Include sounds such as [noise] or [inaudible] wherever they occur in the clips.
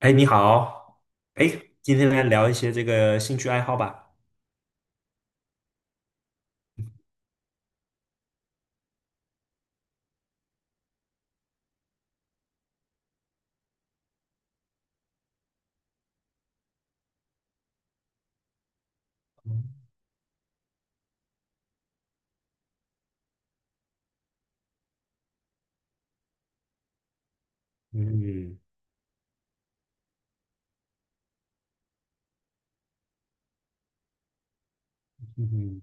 哎，你好，哎，今天来聊一些这个兴趣爱好吧。嗯嗯嗯，嗯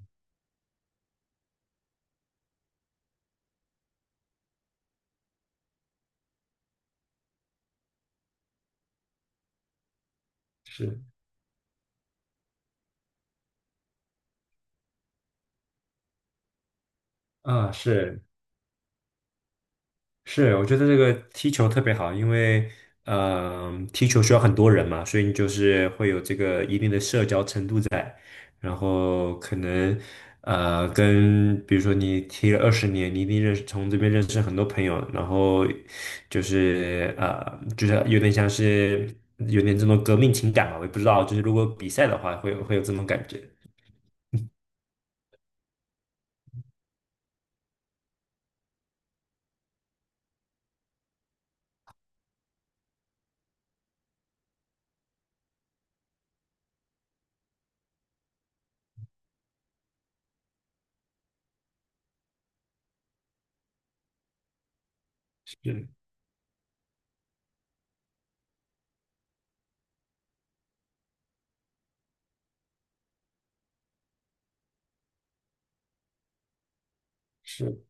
是，啊，是，是，我觉得这个踢球特别好，因为踢球需要很多人嘛，所以你就是会有这个一定的社交程度在，然后可能跟比如说你踢了20年，你一定从这边认识很多朋友，然后就是有点像是有点这种革命情感吧，我也不知道，就是如果比赛的话，会有这种感觉，是是，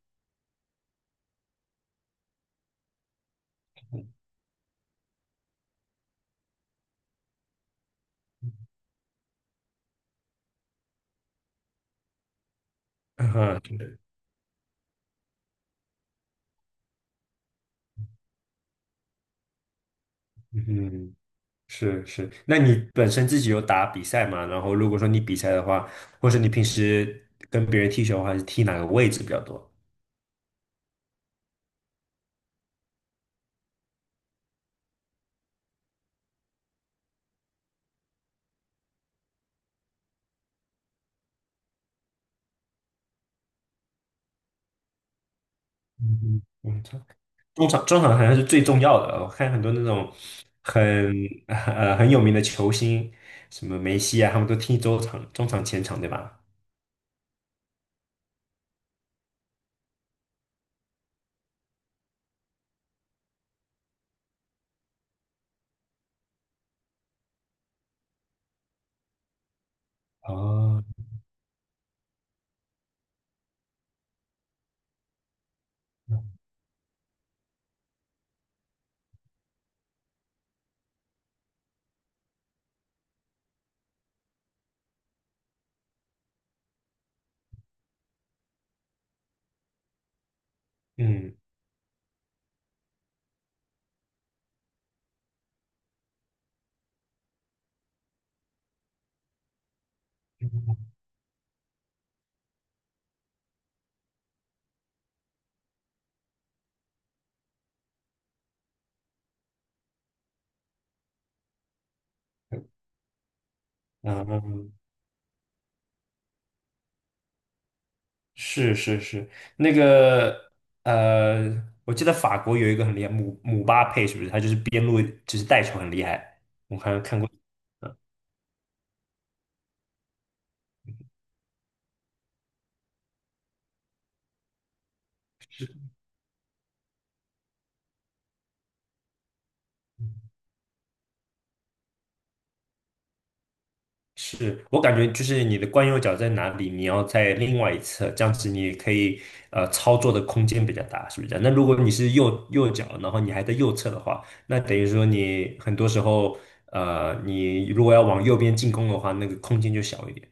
[laughs] 嗯对嗯哼是是，那你本身自己有打比赛吗？然后如果说你比赛的话，或者你平时跟别人踢球的话，是踢哪个位置比较多？嗯嗯，中场好像是最重要的。我看很多那种很很有名的球星，什么梅西啊，他们都踢中场前场，对吧？哦，嗯嗯。嗯，是是是，那个呃，我记得法国有一个很厉害，姆巴佩是不是？他就是边路就是带球很厉害，我好像看过。嗯，是我感觉就是你的惯用脚在哪里，你要在另外一侧，这样子你可以操作的空间比较大，是不是这样？那如果你是右脚，然后你还在右侧的话，那等于说你很多时候你如果要往右边进攻的话，那个空间就小一点。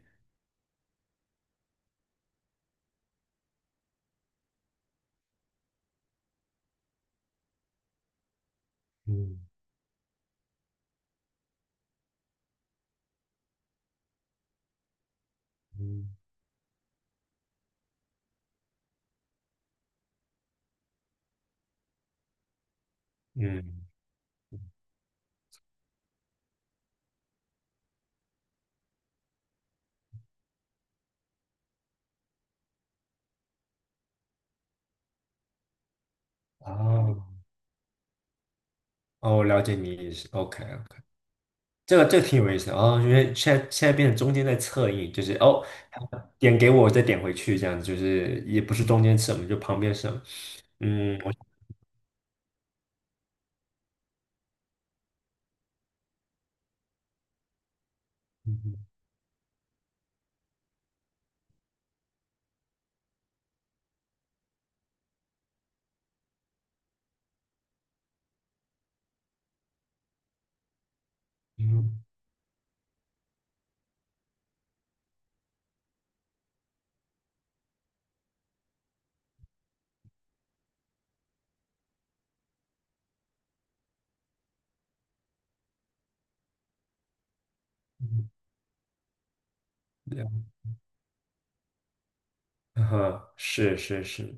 嗯嗯，嗯，啊，哦，我了解你意思。OK OK,这个这个挺有意思的哦，因为现在变成中间在侧应，就是哦，点给我，我再点回去，这样子就是也不是中间什么，就旁边什么。嗯，我嗯嗯嗯，嗯嗯是是是，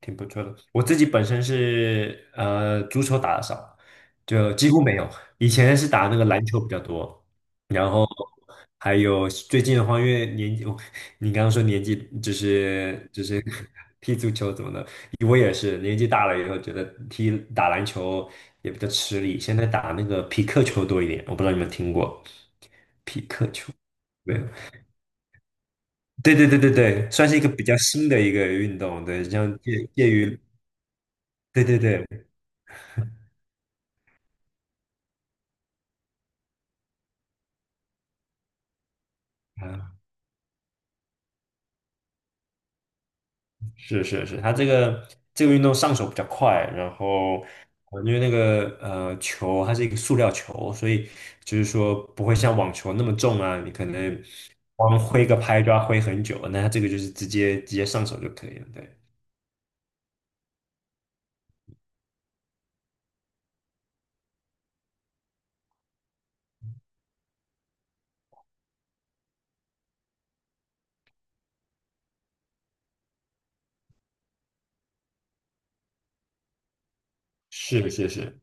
挺不错的。我自己本身是足球打的少，就几乎没有。以前是打那个篮球比较多，然后还有最近的话，因为年纪，[laughs] 我你刚刚说年纪就是 [laughs] 踢足球怎么的，我也是年纪大了以后觉得打篮球也比较吃力，现在打那个匹克球多一点，我不知道你们听过没有？对对对对对，算是一个比较新的一个运动，对，像介于对对对。啊是是是，他这个这个运动上手比较快，然后因为那个球它是一个塑料球，所以就是说不会像网球那么重啊，你可能光挥个拍就要挥很久，那它这个就是直接上手就可以了。对，是是是，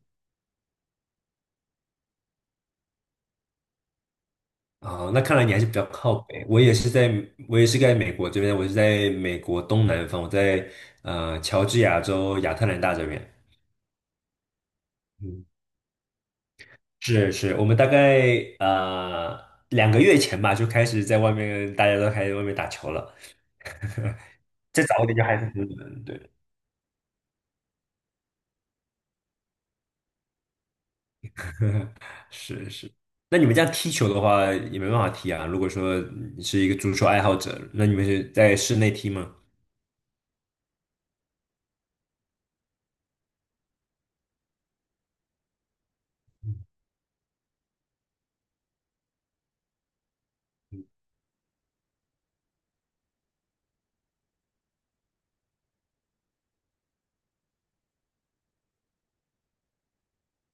啊、那看来你还是比较靠北，我也是在美国这边，我是在美国东南方，我在乔治亚州亚特兰大这边。嗯。是是，我们大概呃2个月前吧，就开始在外面，大家都开始外面打球了。再早一点就还是很冷，对，是是。那你们这样踢球的话，也没办法踢啊。如果说你是一个足球爱好者，那你们是在室内踢吗？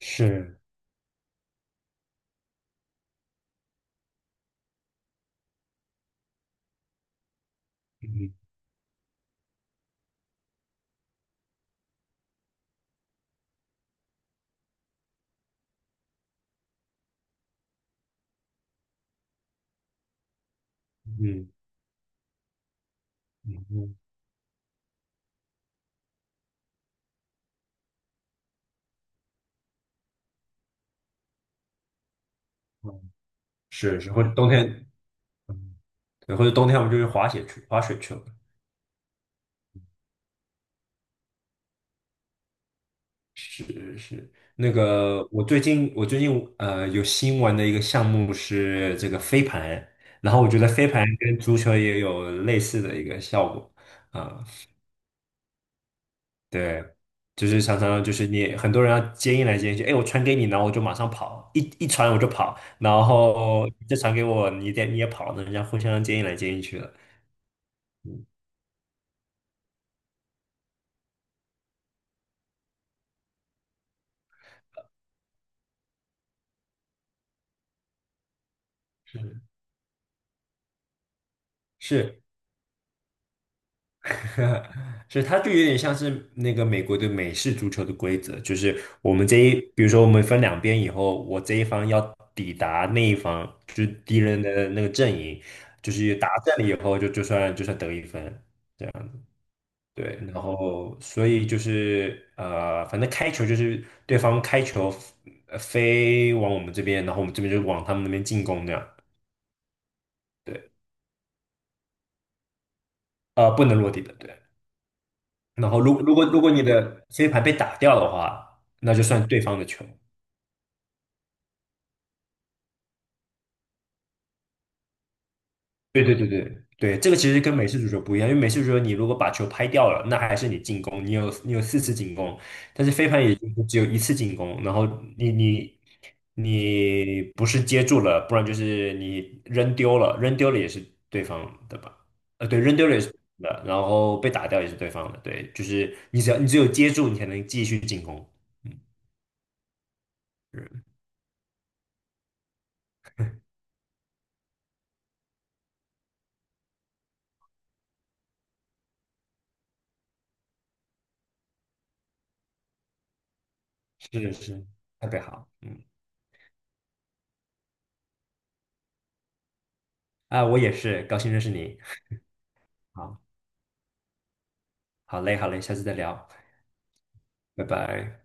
是，嗯嗯嗯嗯，是是，或者冬天，对，或者冬天我们就去滑雪去了。是是，那个我最近有新玩的一个项目是这个飞盘，然后我觉得飞盘跟足球也有类似的一个效果啊，对，就是常常就是你很多人要接应来接应去，哎，我传给你，然后我就马上跑，一传我就跑，然后你再传给我，你得你也跑，那人家互相接应来接应去了，是。[laughs] 所以它就有点像是那个美国的美式足球的规则，就是我们这一，比如说我们分两边以后，我这一方要抵达那一方，就是敌人的那个阵营，就是打阵了以后就就算得1分，这样对，然后所以就是反正开球就是对方开球飞往我们这边，然后我们这边就往他们那边进攻这样，对，呃，不能落地的，对。然后如果你的飞盘被打掉的话，那就算对方的球。对对对对对，这个其实跟美式足球不一样，因为美式足球你如果把球拍掉了，那还是你进攻，你有4次进攻，但是飞盘也就只有1次进攻，然后你你你不是接住了，不然就是你扔丢了，扔丢了也是对方的吧？呃，对，扔丢了也是对方的，然后被打掉也是对方的，对，就是你只要你只有接住，你才能继续进攻。嗯，是是，特别好，嗯，啊，我也是，高兴认识你，好，好嘞，好嘞，下次再聊，拜拜。